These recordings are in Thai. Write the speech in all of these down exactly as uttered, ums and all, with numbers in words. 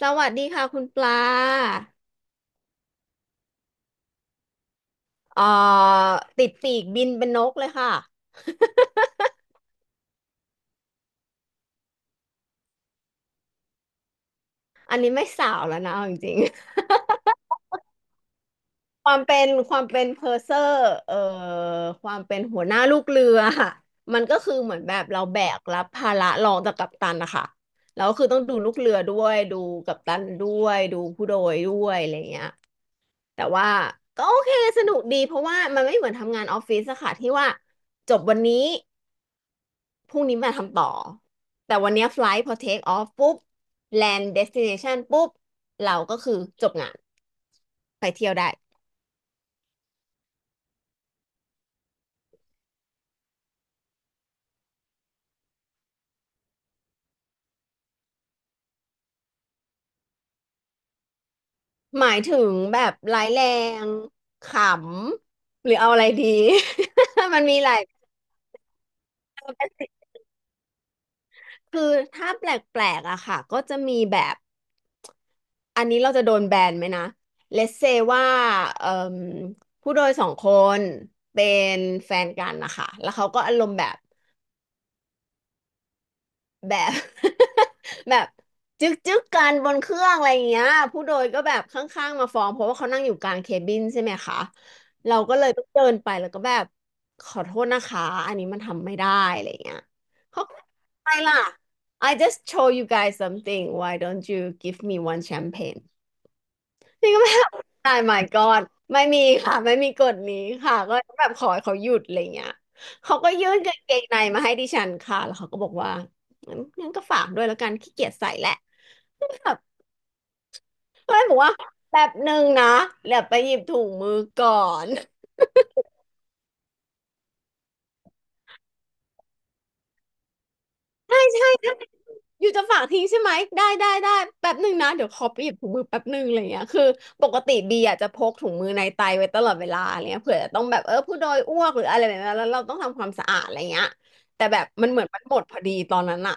สวัสดีค่ะคุณปลาเอ่อติดปีกบินเป็นนกเลยค่ะ อันนี้ไม่สาวแล้วนะเอาจริงๆ ความเป็นความเป็นเพอร์เซอร์เอ่อความเป็นหัวหน้าลูกเรือ มันก็คือเหมือนแบบเราแบกรับภาระรองจากกัปตันนะคะแล้วคือต้องดูลูกเรือด้วยดูกัปตันด้วยดูผู้โดยด้วยอะไรเงี้ยแต่ว่าก็โอเคสนุกดีเพราะว่ามันไม่เหมือนทำงานออฟฟิศอะค่ะที่ว่าจบวันนี้ พรุ่งนี้มาทำต่อ แต่วันเนี้ยไฟลท์พอเทคออฟปุ๊บแลนด์เดสติเนชันปุ๊บเราก็คือจบงานไปเที่ยวได้หมายถึงแบบร้ายแรงขำหรือเอาอะไรดี มันมีหลายคือถ้าแปลกๆอะค่ะก็จะมีแบบอันนี้เราจะโดนแบนไหมนะ Let's say ว่าเอ่มผู้โดยสองคนเป็นแฟนกันนะคะแล้วเขาก็อารมณ์แบบ แบบ แบบจึ๊กจึ๊กกันบนเครื่องอะไรอย่างเงี้ยผู้โดยก็แบบข้างๆมาฟ้องเพราะว่าเขานั่งอยู่กลางเคบินใช่ไหมคะเราก็เลยต้องเดินไปแล้วก็แบบขอโทษนะคะอันนี้มันทำไม่ได้อะไรอย่างเงี้ยเขาก็ไม่ล่ะ I just show you guys something why don't you give me one champagne นี่ก็แบบมาย my god ไม่มีค่ะไม่มีกฎนี้ค่ะก็แบบขอให้เขาหยุดอะไรเงี้ยเขาก็ยื่นกางเกงในมาให้ดิฉันค่ะแล้วเขาก็บอกว่างั้นงั้นก็ฝากด้วยแล้วกันขี้เกียจใส่แหละแบบก็เลยบอกว่าแบบหนึ่งนะเดี๋ยวไปหยิบถุงมือก่อน ใช่ใช่ อยู่จะฝากทิ้งใช่ไหมได้ได้ได้แป๊บหนึ่งนะเดี๋ยวขอไปหยิบถุงมือแป๊บหนึ่งอะไรเงี้ยคือปกติบีอาจจะพกถุงมือในไตไว้ตลอดเวลาอะไรเงี้ยเผื่อจะต้องแบบเออผู้โดยอ้วกหรืออะไรแบบนั้นแล้วเราต้องทำความสะอาดอะไรเงี้ยแต่แบบมันเหมือนมันหมดพอดีตอนนั้นอะ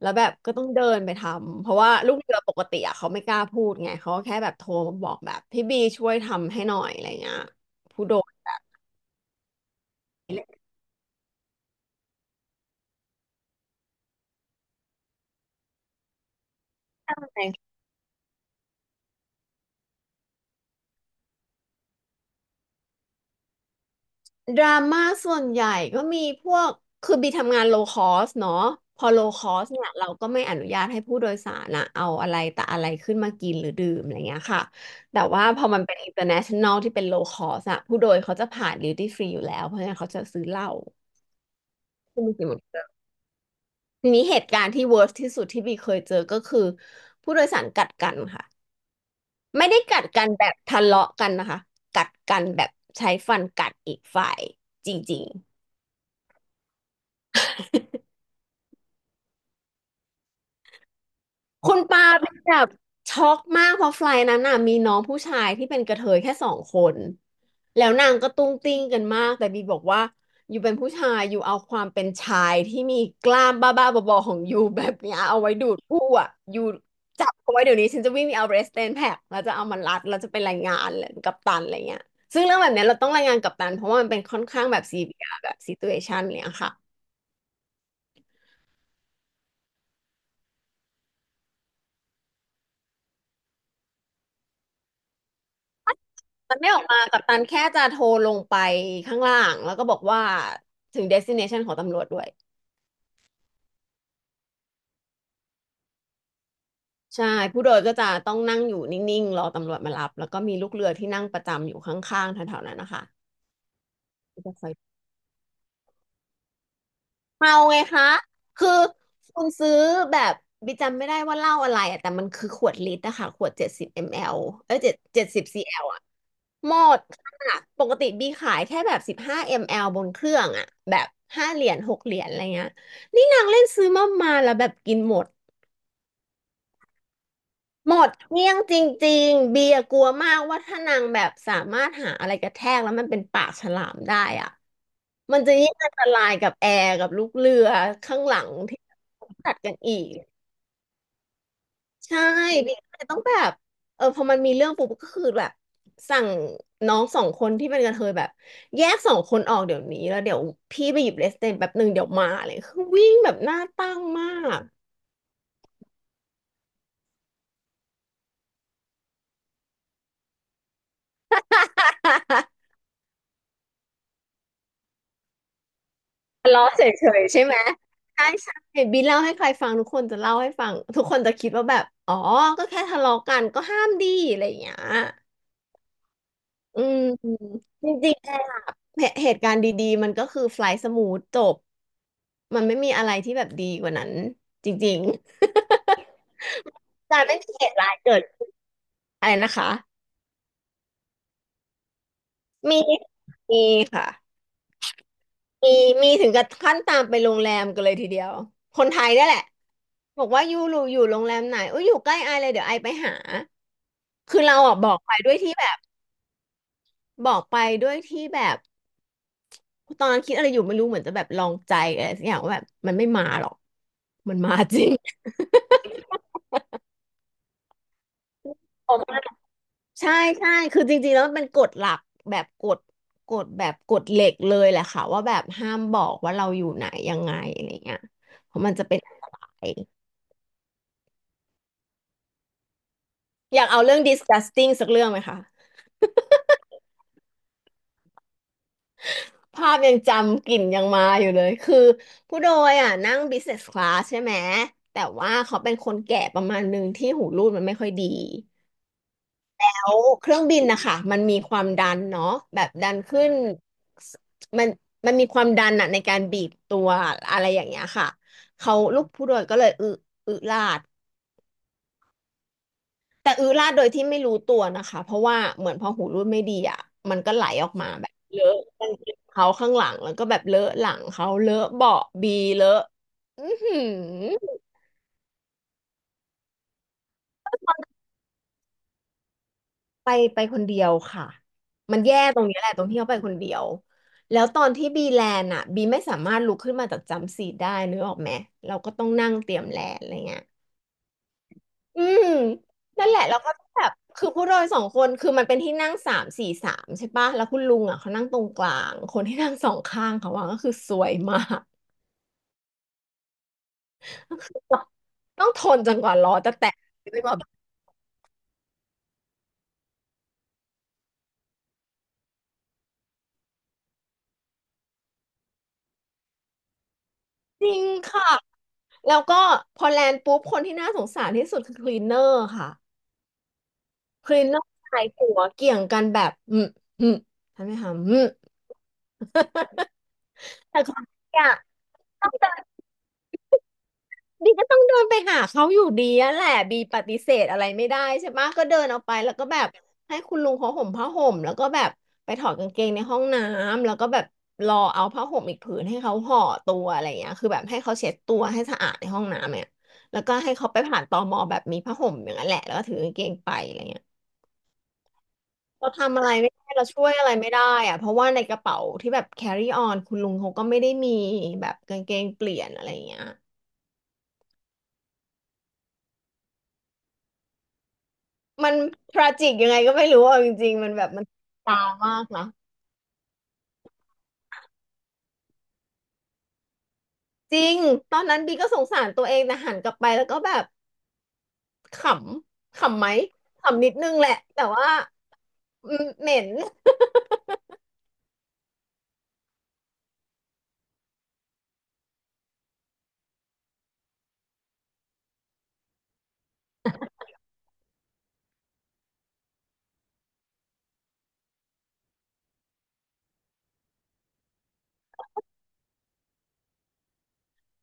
แล้วแบบก็ต้องเดินไปทำเพราะว่าลูกเรือปกติอะเขาไม่กล้าพูดไงเขาก็แค่แบบโทรมาบอกแบบพี่บีช่วยทำให้หน่อยอะไรเงี้ยผู้โดยแสดง ดราม่าส่วนใหญ่ก็มีพวกคือบีทำงานโลคอสเนาะพอโลคอสเนี่ยเราก็ไม่อนุญาตให้ผู้โดยสารอะเอาอะไรแต่อะไรขึ้นมากินหรือดื่มอะไรเงี้ยค่ะแต่ว่าพอมันเป็น international ที่เป็นโลคอสอะผู้โดยเขาจะผ่าน duty free อยู่แล้วเพราะฉะนั้นเขาจะซื้อเหล้าที่มันกินหมดทีนี้เหตุการณ์ที่ worst ที่สุดที่บีเคยเจอก็คือผู้โดยสารกัดกันค่ะไม่ได้กัดกันแบบทะเลาะกันนะคะกัดกันแบบใช้ฟันกัดอีกฝ่ายจริงๆ คุณปาเป็นแบบช็อกมากเพราะไฟล์นั้นน่ะมีน้องผู้ชายที่เป็นกระเทยแค่สองคนแล้วนางก็ตุ้งติ้งกันมากแต่บีบอกว่าอยู่เป็นผู้ชายอยู่เอาความเป็นชายที่มีกล้ามบ้าๆบอๆของยูแบบเนี้ยเอาไว้ดูดผู้อ่ะยูจับเอาไว้เดี๋ยวนี้ฉันจะวิ่งไปเอาเรสเตนแพ็กแล้วจะเอามันรัดแล้วจะเป็นรายงานเลยกัปตันอะไรเงี้ยซึ่งเรื่องแบบเนี้ยเราต้องรายงานกัปตันเพราะว่ามันเป็นค่อนข้างแบบซีเรียสแบบซิตูเอชันเนี่ยค่ะ มันไม่ออกมากัปตันแค่จะโทรลงไปข้างล่างแล้วก็บอกว่าถึงเดสติเนชันของตำรวจด้วยใช่ผู้โดยก็จะต้องนั่งอยู่นิ่งๆรอตำรวจมารับแล้วก็มีลูกเรือที่นั่งประจำอยู่ข้างๆแถวๆนั้นนะคะที่จะคอย เมาไงคะ คือคุณซื้อแบบบิกจำไม่ได้ว่าเหล้าอะไรอะแต่มันคือขวดลิตรอะค่ะขวดเจ็ดสิบมลลิลิตรเอ้ยเจ็ดเจ็ดสิบซีแอลอะ หมดค่ะ ปกติบีขายแค่แบบสิบห้ามลลิลิตรบนเครื่องอะ แบบห้าเหรียญหกเหรียญอะไรเงี้ยนี่นางเล่นซื้อมามาแล้วแบบกินหมด หมดเกลี้ยงจริงๆเบียร์กลัวมากว่าถ้านางแบบสามารถหาอะไรกระแทกแล้วมันเป็นปากฉลามได้อ่ะมันจะยิ่งอันตรายกับแอร์กับลูกเรือข้างหลังที่ตัดกันอีกใช่เบียร์ก็เลยต้องแบบเออพอมันมีเรื่องปุ๊บก็คือแบบสั่งน้องสองคนที่เป็นกระเทยแบบแยกสองคนออกเดี๋ยวนี้แล้วเดี๋ยวพี่ไปหยิบเลสเตนแป๊บหนึ่งเดี๋ยวมาเลยคือวิ่งแบบหน้าตั้งมาก ล้อเฉยๆใช่ไหมใช่ใช่บีเล่าให้ใครฟังทุกคนจะเล่าให้ฟังทุกคนจะคิดว่าแบบอ๋อก็แค่ทะเลาะกันก็ห้ามดีอะไรอย่างเงี้ยอืมจริงๆอะเหตุเหตุการณ์ดีๆมันก็คือไฟล์สมูทจบมันไม่มีอะไรที่แบบดีกว่านั้นจริงๆ การไม่มีเหตุร้ายเกิดอะไรนะคะมีมีค่ะ มีมีถึงกับขั้นตามไปโรงแรมกันเลยทีเดียว คนไทยได้แหละบอกว่ายูรูอยู่โรงแรมไหนอุ้ยอยู่ใกล้ไอเลยเดี๋ยวไอไปหาคือเราอ่ะบอกไปด้วยที่แบบบอกไปด้วยที่แบบตอนนั้นคิดอะไรอยู่ไม่รู้เหมือนจะแบบลองใจอะไรสักอย่างว่าแบบมันไม่มาหรอกมันมาจริง ออกมาใช่ใช่คือจริงๆแล้วมันเป็นกฎหลักแบบกฎกฎแบบกฎเหล็กเลยแหละค่ะว่าแบบห้ามบอกว่าเราอยู่ไหนยังไงอะไรเงี้ยเพราะมันจะเป็นอันตราย อยากเอาเรื่อง disgusting สักเรื่องไหมคะภาพยังจำกลิ่นยังมาอยู่เลยคือผู้โดยอ่ะนั่ง business class ใช่ไหมแต่ว่าเขาเป็นคนแก่ประมาณหนึ่งที่หูรูดมันไม่ค่อยดีแล้วเครื่องบินนะคะมันมีความดันเนาะแบบดันขึ้นสมันมันมีความดันอะในการบีบตัวอะไรอย่างเงี้ยค่ะเขาลูกผู้โดยก็เลยอึอึลาด แต่อื้อราดโดยที่ไม่รู้ตัวนะคะเพราะว่าเหมือนพอหูรูดไม่ดีอ่ะมันก็ไหลออกมาแบบเลอะกางเกงเขาข้างหลังแล้วก็แบบเลอะหลังเขาเลอะเบาะบีเลอะอือหือไปไปคนเดียวค่ะมันแย่ตรงนี้แหละตรงที่เขาไปคนเดียวแล้วตอนที่บีแลนด์อ่ะบีไม่สามารถลุกขึ้นมาจากจัมป์ซีทได้นึกออกไหมเราก็ต้องนั่งเตรียมแลนด์อะไรเงี้ย อืมนั่นแหละแล้วก็แบบคือผู้โดยสองคนคือมันเป็นที่นั่งสามสี่สามใช่ปะแล้วคุณลุงอ่ะเขานั่งตรงกลางคนที่นั่งสองข้างเขาว่าก็คือสวยมากต้องทนจนกว่าล้อจะแตกเลยแบบจริงค่ะแล้วก็พอแลนด์ปุ๊บคนที่น่าสงสารที่สุดคือคลีนเนอร์ค่ะคลีนเนอร์ชายหัวเกี่ยงกันแบบอืมอืมทำไมคะอืมแต่ของเนี่ยต้องเดิน บีก็ต้องเดินไปหาเขาอยู่ดีอะแหละบีปฏิเสธอะไรไม่ได้ใช่ปะก็เดินออกไปแล้วก็แบบให้คุณลุงเขาห่มผ้าห่มแล้วก็แบบไปถอดกางเกงในห้องน้ำแล้วก็แบบรอเอาผ้าห่มอีกผืนให้เขาห่อตัวอะไรอย่างเงี้ยคือแบบให้เขาเช็ดตัวให้สะอาดในห้องน้ำเนี่ยแล้วก็ให้เขาไปผ่านตมแบบมีผ้าห่มอย่างนั้นแหละแล้วก็ถือกางเกงไปอะไรเงี้ยเราทำอะไรไม่ได้เราช่วยอะไรไม่ได้อะเพราะว่าในกระเป๋าที่แบบ carry on คุณลุงเขาก็ไม่ได้มีแบบกางเกงเปลี่ยนอะไรอย่างเงี้ย มันทราจิกยังไงก็ไม่รู้เอาจริงๆ มันแบบมันตามากนะจริง ตอนนั้นบีก็สงสารตัวเองแต่หันกลับไปแล้วก็แบบขำขำไหมขำนิดนึงแหละแต่ว่าอืมเหม็น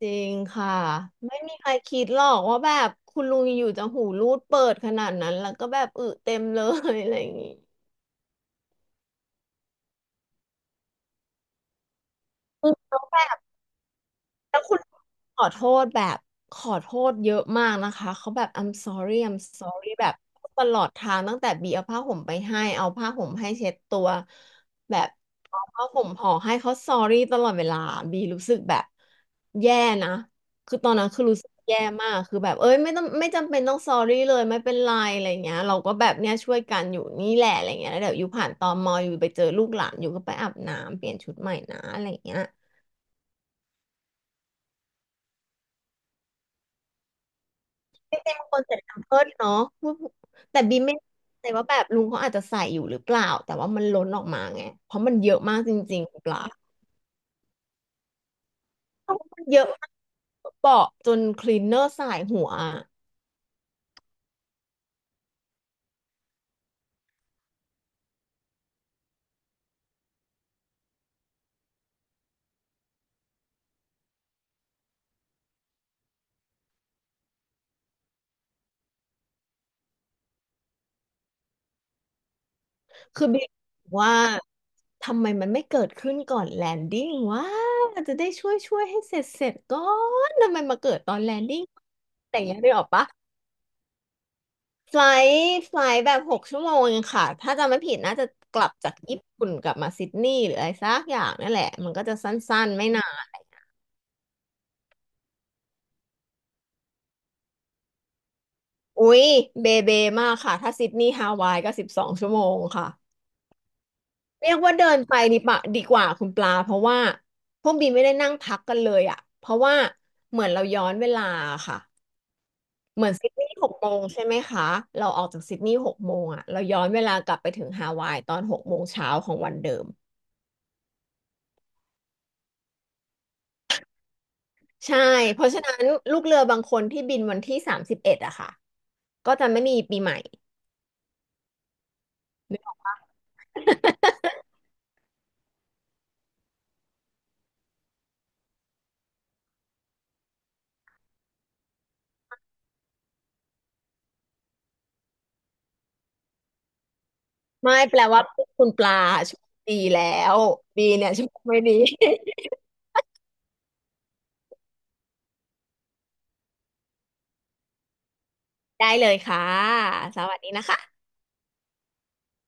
จริงค่ะไม่มีใครคิดหรอกว่าแบบคุณลุงอยู่จะหูรูดเปิดขนาดนั้นแล้วก็แบบอึเต็มเลยอะไรอย่างงี้อึแล้วแบบ แล้วคุณขอโทษแบบขอโทษเยอะมากนะคะเขาแบบ I'm sorry I'm sorry แบบตลอดทางตั้งแต่บีเอาผ้าห่มไปให้เอาผ้าห่มให้เช็ดตัวแบบเอาผ้าห่มห่อให้เขา sorry ตลอดเวลาบีรู้สึกแบบแย่นะคือตอนนั้นคือรู้สึกแย่มากคือแบบเอ้ยไม่ต้องไม่จำเป็นต้อง sorry เลยไม่เป็นไรอะไรเงี้ยเราก็แบบเนี้ยช่วยกันอยู่นี่แหละอะไรเงี้ยแล้วเดี๋ยวอยู่ผ่านตมอยู่ไปเจอลูกหลานอยู่ก็ไปอาบน้ำเปลี่ยนชุดใหม่นะอะไรเงี้ย เป็นบางคนใส่แพมเพิร์สเนาะแต่บีไม่แน่ใจว่าแบบลุงเขาอาจจะใส่อยู่หรือเปล่าแต่ว่ามันล้นออกมาไง เพราะมันเยอะมากจริงๆหรือเปล่าเพราะมันเยอะมากเปาะจนคลีนเนอร์สายหัวอะคือบีว่าทำไมมันไม่เกิดขึ้นก่อนแลนดิ้งว่าจะได้ช่วยช่วยให้เสร็จเสร็จก่อนทำไมมาเกิดตอนแลนดิ้งแต่ยังได้ออกปะ ไฟลท์ไฟลท์แบบหกชั่วโมงงค่ะถ้าจำไม่ผิดน่าจะกลับจากญี่ปุ่นกลับมาซิดนีย์หรืออะไรสักอย่างนั่นแหละมันก็จะสั้นๆไม่นานอุ๊ยเบเบมากค่ะถ้าซิดนีย์ฮาวายก็สิบสองชั่วโมงค่ะเรียกว่าเดินไปดีปะดีกว่าคุณปลาเพราะว่าพวกบีไม่ได้นั่งพักกันเลยอ่ะเพราะว่าเหมือนเราย้อนเวลาค่ะเหมือนซิดนีย์หกโมงใช่ไหมคะเราออกจากซิดนีย์หกโมงอ่ะเราย้อนเวลากลับไปถึงฮาวายตอนหกโมงเช้าของวันเดิม ใช่เพราะฉะนั้นลูกเรือบางคนที่บินวันที่สามสิบเอ็ดอะค่ะก็จะไม่มีปีใหม่ ไม่แปลว่าคุณปลาโชคดีแล้วบีเนี่ยโชคไม่ดี ได้เลยค่ะสวัสดีนะคะ